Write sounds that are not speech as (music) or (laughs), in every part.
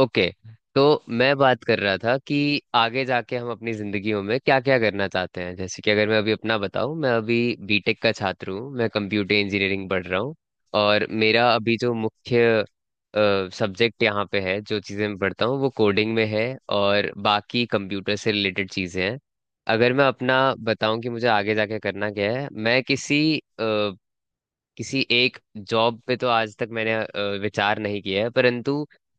Okay. तो मैं बात कर रहा था कि आगे जाके हम अपनी जिंदगियों में क्या क्या करना चाहते हैं। जैसे कि अगर मैं अभी अपना बताऊं, मैं अभी बीटेक का छात्र हूं, मैं कंप्यूटर इंजीनियरिंग पढ़ रहा हूं। और मेरा अभी जो मुख्य सब्जेक्ट यहाँ पे है, जो चीज़ें मैं पढ़ता हूँ वो कोडिंग में है और बाकी कंप्यूटर से रिलेटेड चीज़ें हैं। अगर मैं अपना बताऊं कि मुझे आगे जाके करना क्या है, मैं किसी किसी एक जॉब पे तो आज तक मैंने विचार नहीं किया है। परंतु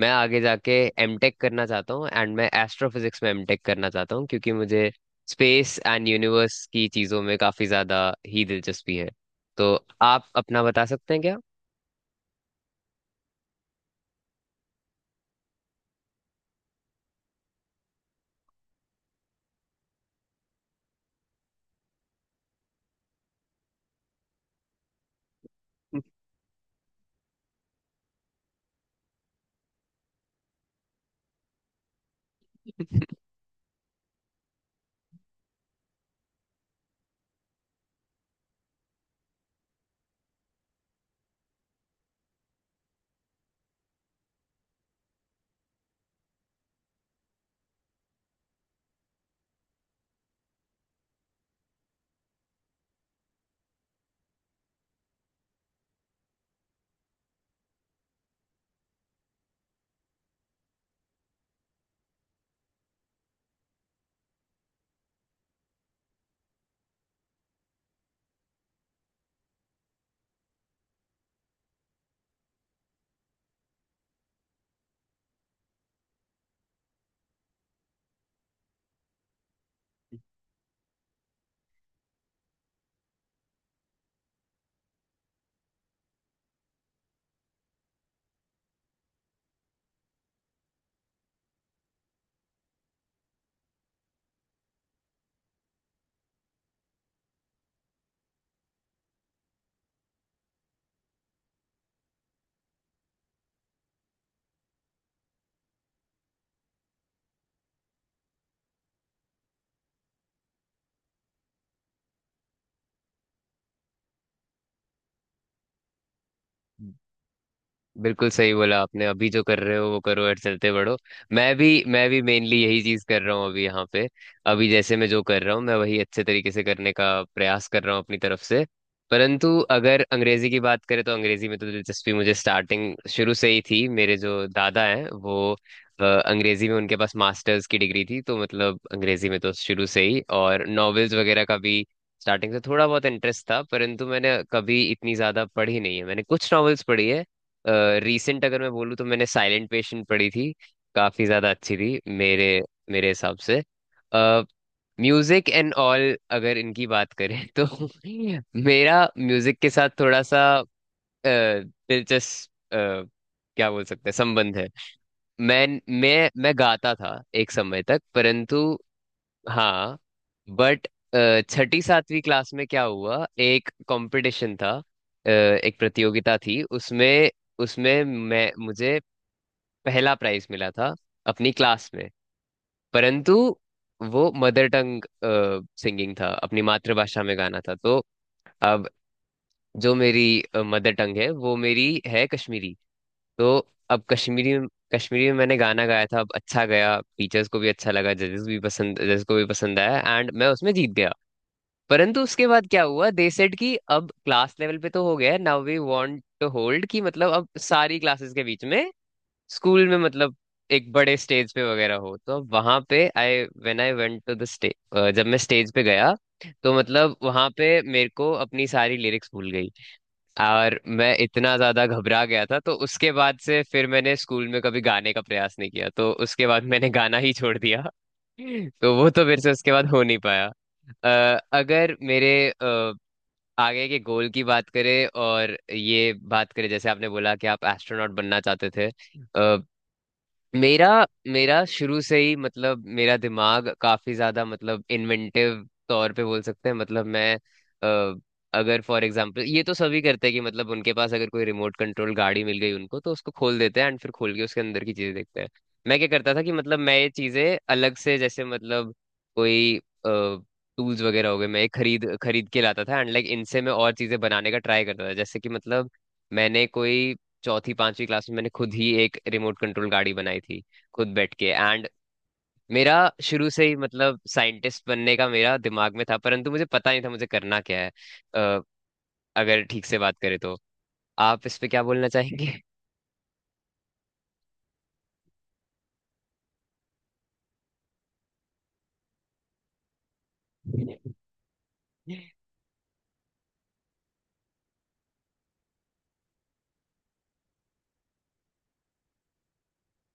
मैं आगे जाके एमटेक करना चाहता हूँ, एंड मैं एस्ट्रोफिजिक्स में एमटेक करना चाहता हूँ, क्योंकि मुझे स्पेस एंड यूनिवर्स की चीज़ों में काफ़ी ज़्यादा ही दिलचस्पी है। तो आप अपना बता सकते हैं क्या? बिल्कुल सही बोला आपने, अभी जो कर रहे हो वो करो और चलते बढ़ो। मैं भी मेनली यही चीज कर रहा हूँ अभी यहाँ पे। अभी जैसे मैं जो कर रहा हूँ, मैं वही अच्छे तरीके से करने का प्रयास कर रहा हूँ अपनी तरफ से। परंतु अगर अंग्रेजी की बात करें, तो अंग्रेजी में तो दिलचस्पी मुझे स्टार्टिंग शुरू से ही थी। मेरे जो दादा हैं वो अंग्रेजी में उनके पास मास्टर्स की डिग्री थी, तो मतलब अंग्रेजी में तो शुरू से ही, और नॉवेल्स वगैरह का भी स्टार्टिंग से थोड़ा बहुत इंटरेस्ट था। परंतु मैंने कभी इतनी ज्यादा पढ़ी नहीं है, मैंने कुछ नॉवेल्स पढ़ी है। रीसेंट अगर मैं बोलूँ, तो मैंने साइलेंट पेशेंट पढ़ी थी। काफी ज्यादा अच्छी थी मेरे मेरे हिसाब से। म्यूजिक एंड ऑल अगर इनकी बात करें तो (laughs) मेरा म्यूजिक के साथ थोड़ा सा दिलचस्प, क्या बोल सकते हैं, संबंध है। मैं मैं गाता था एक समय तक, परंतु हाँ। बट छठी सातवीं क्लास में क्या हुआ, एक कंपटीशन था, एक प्रतियोगिता थी। उसमें उसमें मैं मुझे पहला प्राइज मिला था अपनी क्लास में। परंतु वो मदर टंग सिंगिंग था, अपनी मातृभाषा में गाना था। तो अब जो मेरी मदर टंग है वो मेरी है कश्मीरी। तो अब कश्मीरी कश्मीरी में मैंने गाना गाया था। अब अच्छा गया, टीचर्स को भी अच्छा लगा, जजेस को भी पसंद आया, एंड मैं उसमें जीत गया। परंतु उसके बाद क्या हुआ, दे सेड कि अब क्लास लेवल पे तो हो गया है, now we want to hold, कि मतलब अब सारी क्लासेस के बीच में, स्कूल में मतलब, एक बड़े स्टेज पे वगैरह हो। तो अब वहां पे I when I went to the stage, जब मैं स्टेज पे गया, तो मतलब वहां पे मेरे को अपनी सारी लिरिक्स भूल गई। और मैं इतना ज्यादा घबरा गया था, तो उसके बाद से फिर मैंने स्कूल में कभी गाने का प्रयास नहीं किया, तो उसके बाद मैंने गाना ही छोड़ दिया। (laughs) तो वो तो मेरे से उसके बाद हो नहीं पाया। अगर आगे के गोल की बात करें, और ये बात करें जैसे आपने बोला कि आप एस्ट्रोनॉट बनना चाहते थे, मेरा मेरा शुरू से ही, मतलब मेरा दिमाग काफी ज्यादा, मतलब इन्वेंटिव तौर पे बोल सकते हैं। मतलब मैं अ, अगर फॉर एग्जांपल, ये तो सभी करते हैं कि मतलब उनके पास अगर कोई रिमोट कंट्रोल गाड़ी मिल गई उनको, तो उसको खोल देते हैं एंड फिर खोल के उसके अंदर की चीजें देखते हैं। मैं क्या करता था कि मतलब मैं ये चीजें अलग से, जैसे मतलब कोई टूल्स वगैरह हो गए, मैं ये खरीद खरीद के लाता था एंड लाइक इनसे मैं और चीजें बनाने का ट्राई करता था। जैसे कि मतलब मैंने कोई चौथी पांचवी क्लास में मैंने खुद ही एक रिमोट कंट्रोल गाड़ी बनाई थी, खुद बैठ के। एंड मेरा शुरू से ही मतलब साइंटिस्ट बनने का मेरा दिमाग में था, परंतु मुझे पता नहीं था मुझे करना क्या है। अ, अगर ठीक से बात करें तो आप इस पे क्या बोलना चाहेंगे?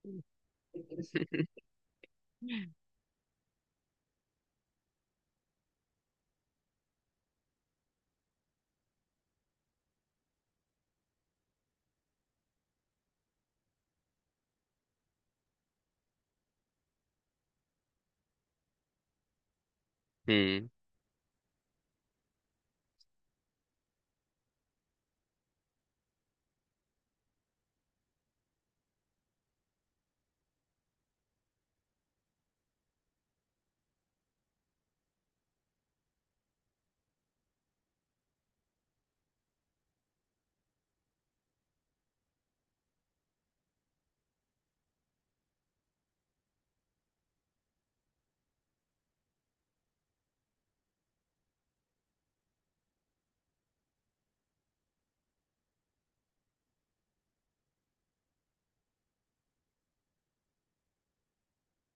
(laughs) हम्म।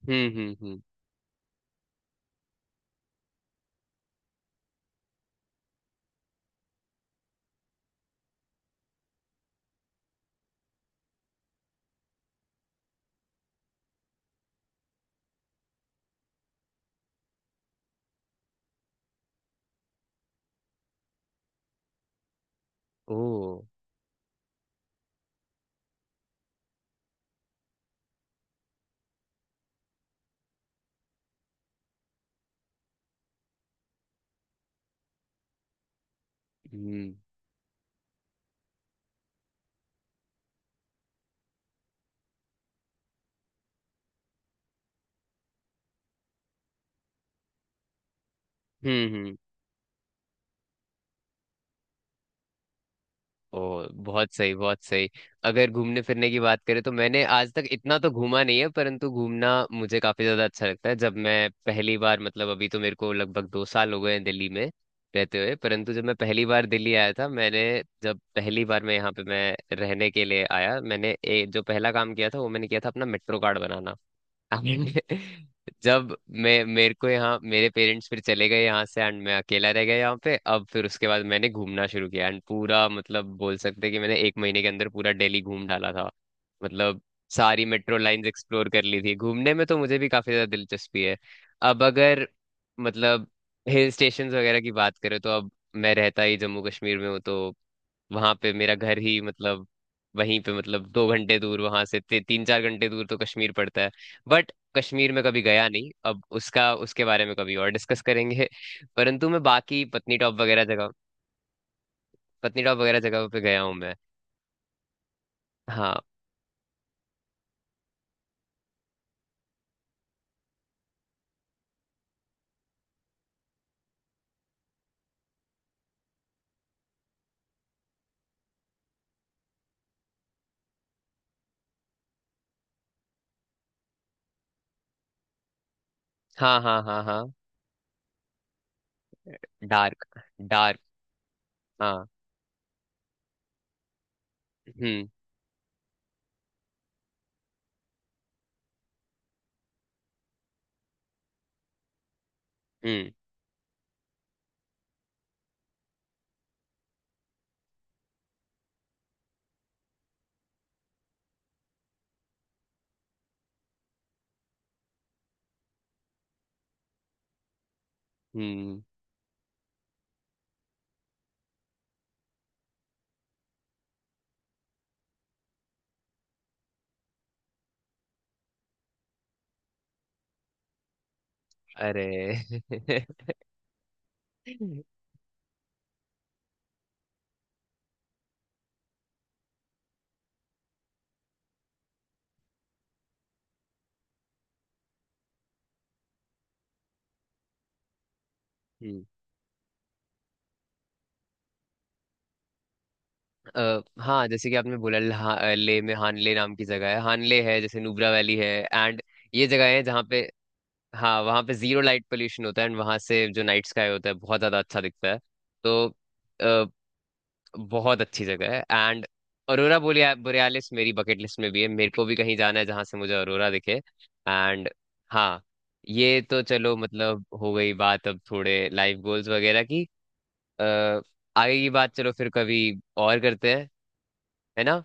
हम्म। हम्म। हम्म। ओ। हम्म। हम्म। ओ बहुत सही, बहुत सही। अगर घूमने फिरने की बात करें, तो मैंने आज तक इतना तो घूमा नहीं है, परंतु घूमना मुझे काफी ज्यादा अच्छा लगता है। जब मैं पहली बार, मतलब अभी तो मेरे को लगभग 2 साल हो गए हैं दिल्ली में रहते हुए, परंतु जब मैं पहली बार दिल्ली आया था, मैंने, जब पहली बार मैं यहाँ पे मैं रहने के लिए आया, मैंने जो पहला काम किया था वो मैंने किया था अपना मेट्रो कार्ड बनाना। हमने (laughs) जब मैं मेरे को यहाँ मेरे पेरेंट्स फिर चले गए यहाँ से, एंड मैं अकेला रह गया यहाँ पे। अब फिर उसके बाद मैंने घूमना शुरू किया, एंड पूरा मतलब बोल सकते हैं कि मैंने 1 महीने के अंदर पूरा दिल्ली घूम डाला था। मतलब सारी मेट्रो लाइंस एक्सप्लोर कर ली थी। घूमने में तो मुझे भी काफी ज्यादा दिलचस्पी है। अब अगर मतलब हिल स्टेशंस वगैरह की बात करें, तो अब मैं रहता ही जम्मू कश्मीर में हूँ, तो वहां पे मेरा घर ही मतलब वहीं पे, मतलब 2 घंटे दूर, वहां से 3 4 घंटे दूर तो कश्मीर पड़ता है। बट कश्मीर में कभी गया नहीं। अब उसका उसके बारे में कभी और डिस्कस करेंगे। परंतु मैं बाकी पत्नीटॉप वगैरह जगह पे गया हूँ मैं। हाँ, हाँ, हाँ, हाँ। हाँ। डार्क। डार्क। हाँ। हम्म। हम्म। हम्म। अरे! (laughs) हम्म। हाँ जैसे कि आपने बोला ले में हानले नाम की जगह है, हानले है, जैसे नुब्रा वैली है एंड ये जगह है जहाँ पे, हाँ वहाँ पे जीरो लाइट पोल्यूशन होता है एंड वहाँ से जो नाइट स्काई होता है बहुत ज्यादा अच्छा दिखता है। तो बहुत अच्छी जगह है। एंड अरोरा बोरिया बोरियालिस मेरी बकेट लिस्ट में भी है, मेरे को भी कहीं जाना है जहां से मुझे अरोरा दिखे। एंड हाँ। ये तो चलो मतलब हो गई बात, अब थोड़े लाइफ गोल्स वगैरह की। अ, आगे की बात चलो फिर कभी और करते हैं, है ना।